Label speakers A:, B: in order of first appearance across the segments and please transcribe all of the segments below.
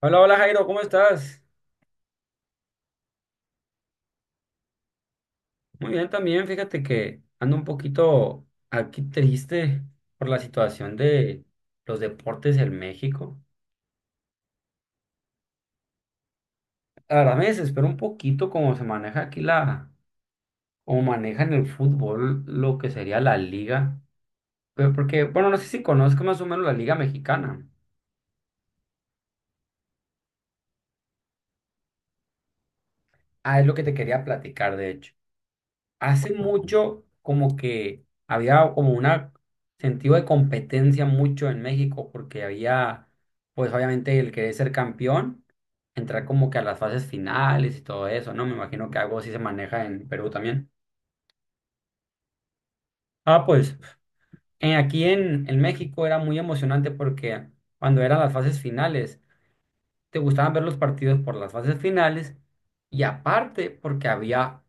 A: Hola, hola Jairo, ¿cómo estás? Muy bien también, fíjate que ando un poquito aquí triste por la situación de los deportes en México. La verdad me desespero un poquito cómo se maneja aquí la, cómo manejan el fútbol, lo que sería la liga. Pero porque, bueno, no sé si conozco más o menos la liga mexicana. Ah, es lo que te quería platicar, de hecho. Hace mucho como que había como una sentido de competencia mucho en México porque había, pues obviamente el querer ser campeón, entrar como que a las fases finales y todo eso, ¿no? Me imagino que algo así se maneja en Perú también. Ah, pues aquí en México era muy emocionante porque cuando eran las fases finales, te gustaban ver los partidos por las fases finales y aparte porque había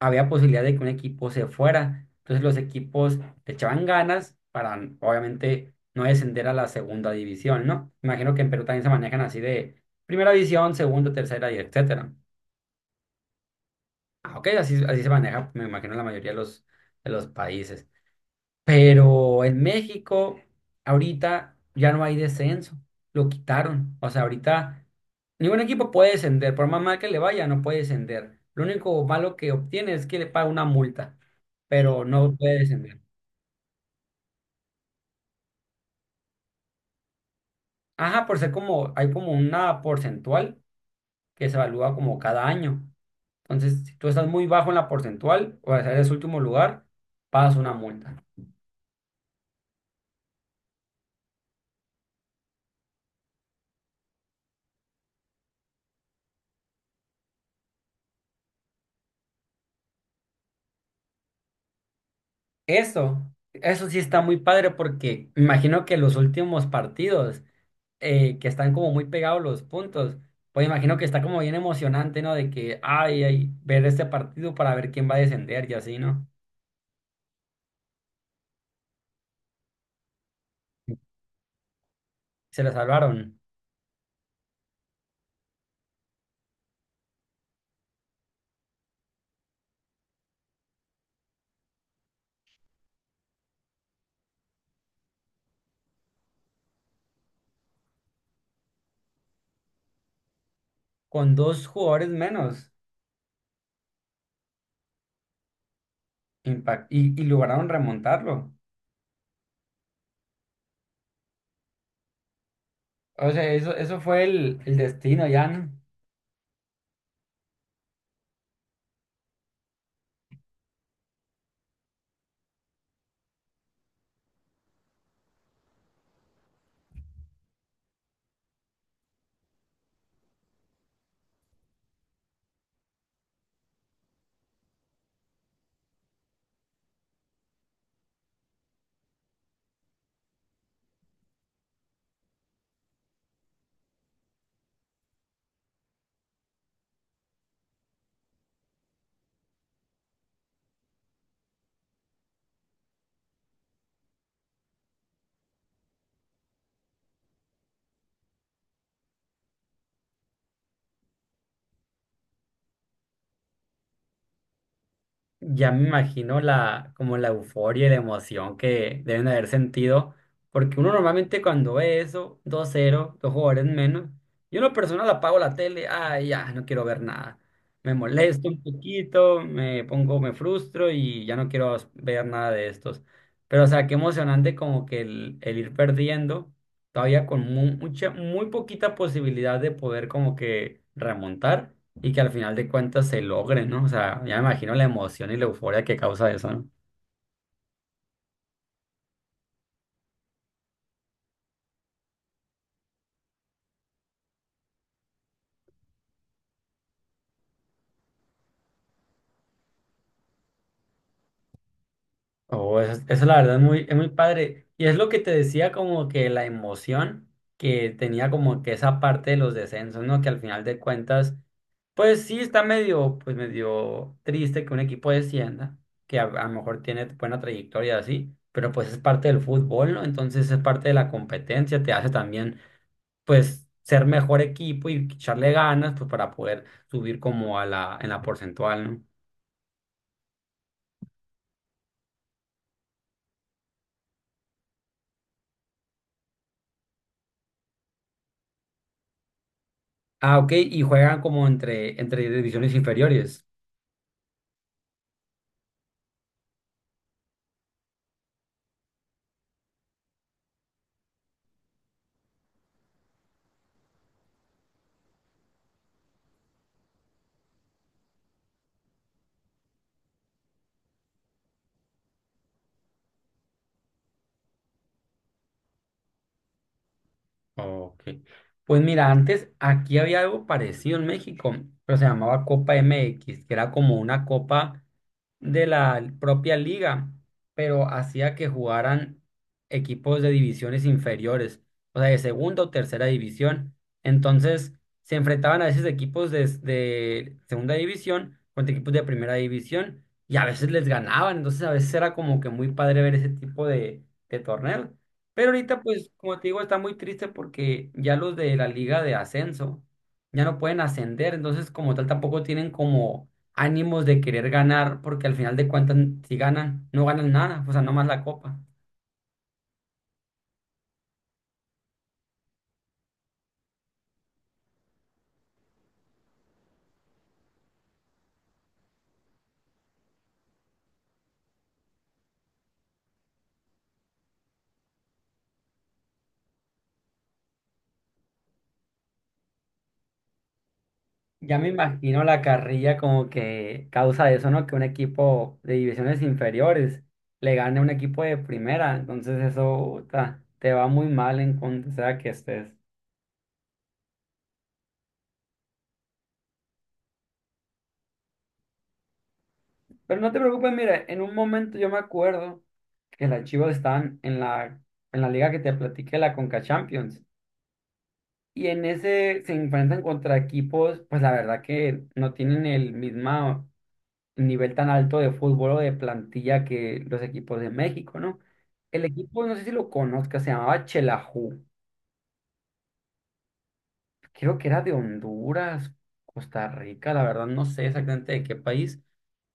A: había posibilidad de que un equipo se fuera. Entonces los equipos le echaban ganas para, obviamente, no descender a la segunda división, ¿no? Imagino que en Perú también se manejan así de primera división, segunda, tercera y etcétera. Ah, ok, así se maneja, me imagino, la mayoría de de los países. Pero en México, ahorita ya no hay descenso, lo quitaron. O sea, ahorita ningún equipo puede descender, por más mal que le vaya, no puede descender. Lo único malo que obtiene es que le paga una multa, pero no puede descender. Ajá, por ser como, hay como una porcentual que se evalúa como cada año. Entonces, si tú estás muy bajo en la porcentual, o sea, eres último lugar, pagas una multa. Eso, eso sí está muy padre porque me imagino que los últimos partidos. Que están como muy pegados los puntos. Pues imagino que está como bien emocionante, ¿no? De que, ay, ay, ver este partido para ver quién va a descender y así, ¿no? Se la salvaron con dos jugadores menos impact y lograron remontarlo. O sea, eso fue el destino ya, ¿no? Ya me imagino la, como la euforia y la emoción que deben haber sentido, porque uno normalmente cuando ve eso, dos cero dos jugadores menos, yo en lo personal apago la tele, ay, ya, no quiero ver nada. Me molesto un poquito, me pongo, me frustro y ya no quiero ver nada de estos. Pero, o sea, qué emocionante como que el ir perdiendo todavía con muy poquita posibilidad de poder como que remontar y que al final de cuentas se logre, ¿no? O sea, ya me imagino la emoción y la euforia que causa eso, ¿no? Oh, eso la verdad es muy padre. Y es lo que te decía como que la emoción que tenía como que esa parte de los descensos, ¿no? Que al final de cuentas, pues sí está medio, pues medio triste que un equipo descienda, que a lo mejor tiene buena trayectoria así, pero pues es parte del fútbol, ¿no? Entonces es parte de la competencia, te hace también, pues, ser mejor equipo y echarle ganas, pues para poder subir como a la, en la porcentual, ¿no? Ah, ok, y juegan como entre divisiones inferiores. Ok. Pues mira, antes aquí había algo parecido en México, pero se llamaba Copa MX, que era como una copa de la propia liga, pero hacía que jugaran equipos de divisiones inferiores, o sea, de segunda o tercera división. Entonces, se enfrentaban a veces equipos de segunda división contra equipos de primera división y a veces les ganaban. Entonces, a veces era como que muy padre ver ese tipo de torneos. Pero ahorita, pues, como te digo, está muy triste porque ya los de la liga de ascenso ya no pueden ascender, entonces como tal tampoco tienen como ánimos de querer ganar, porque al final de cuentas, si ganan, no ganan nada, o sea, nomás la copa. Ya me imagino la carrilla como que causa eso, ¿no? Que un equipo de divisiones inferiores le gane a un equipo de primera, entonces eso ta, te va muy mal en cuanto sea que estés. Pero no te preocupes, mira, en un momento yo me acuerdo que las Chivas están en la liga que te platiqué, la Conca Champions. Y en ese se enfrentan contra equipos, pues la verdad que no tienen el mismo nivel tan alto de fútbol o de plantilla que los equipos de México, ¿no? El equipo, no sé si lo conozca, se llamaba Chelaju. Creo que era de Honduras, Costa Rica, la verdad no sé exactamente de qué país,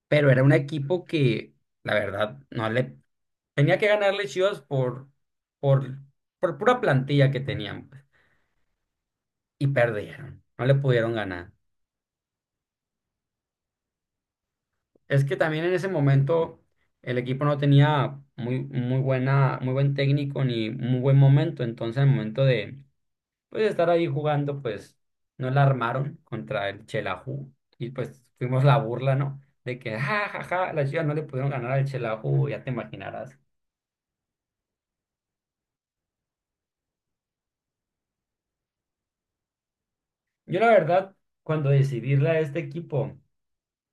A: pero era un equipo que, la verdad, no le tenía que ganarle Chivas por, por pura plantilla que tenían, pues, y perdieron, no le pudieron ganar. Es que también en ese momento el equipo no tenía muy buena, muy buen técnico ni muy buen momento. Entonces, al momento de pues, estar ahí jugando, pues no la armaron contra el Chelaju. Y pues fuimos la burla, ¿no? De que, ja, ja, ja, las Chivas no le pudieron ganar al Chelaju, ya te imaginarás. Yo, la verdad, cuando decidí irle a este equipo,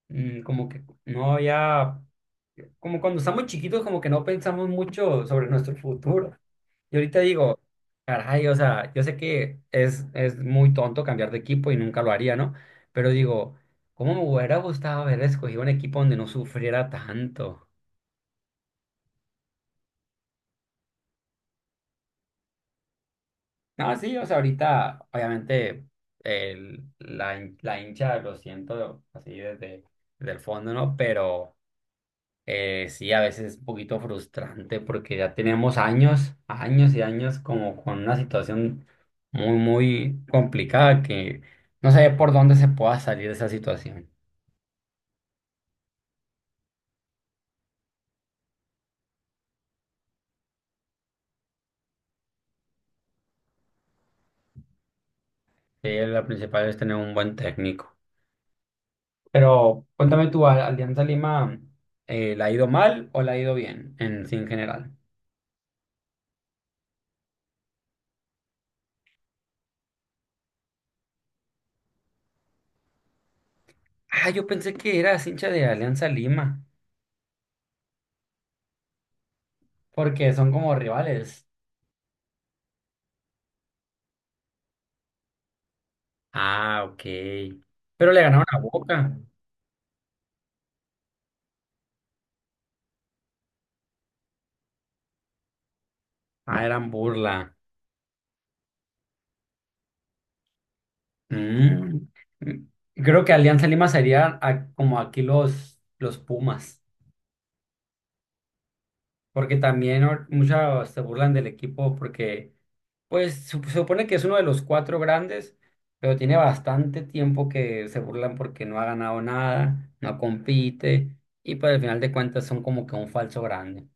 A: como que no había. Como cuando estamos chiquitos, como que no pensamos mucho sobre nuestro futuro. Y ahorita digo, caray, o sea, yo sé que es muy tonto cambiar de equipo y nunca lo haría, ¿no? Pero digo, ¿cómo me hubiera gustado haber escogido un equipo donde no sufriera tanto? No, sí, o sea, ahorita, obviamente, el, la, la hincha lo siento así desde el fondo, ¿no? Pero... sí, a veces es un poquito frustrante porque ya tenemos años, años y años como con una situación muy, muy complicada que no sé por dónde se pueda salir de esa situación. Sí, la principal es tener un buen técnico. Pero cuéntame tú, ¿a Alianza Lima la ha ido mal o la ha ido bien en, sí, en general? Ah, yo pensé que eras hincha de Alianza Lima porque son como rivales. Ah, ok. Pero le ganaron a Boca. Ah, eran burla. Mm. Creo que Alianza Lima sería a- como aquí los Pumas, porque también or- muchos se burlan del equipo porque pues sup- se supone que es uno de los cuatro grandes, pero tiene bastante tiempo que se burlan porque no ha ganado nada, no compite y pues al final de cuentas son como que un falso grande.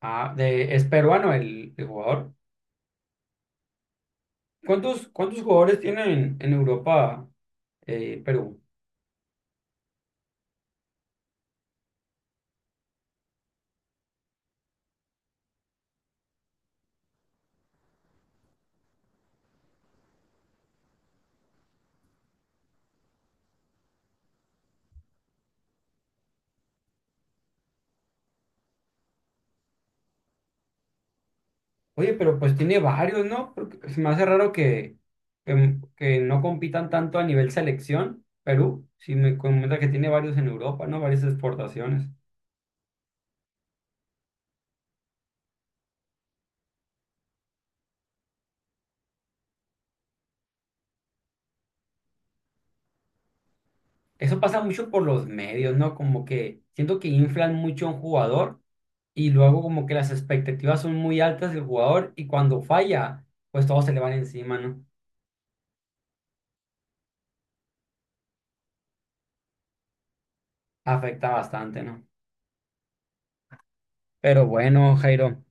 A: Ah, de, es peruano el jugador. ¿Cuántos jugadores tienen en Europa Perú? Oye, pero pues tiene varios, ¿no? Porque pues, se me hace raro que no compitan tanto a nivel selección. Perú, si me comenta que tiene varios en Europa, ¿no? Varias exportaciones. Eso pasa mucho por los medios, ¿no? Como que siento que inflan mucho a un jugador y luego como que las expectativas son muy altas del jugador y cuando falla, pues todos se le van encima, ¿no? Afecta bastante, ¿no? Pero bueno, Jairo,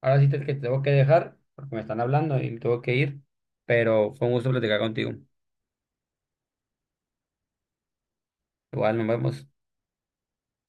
A: ahora sí te, que te tengo que dejar porque me están hablando y me tengo que ir, pero fue un gusto platicar contigo. Igual nos vemos.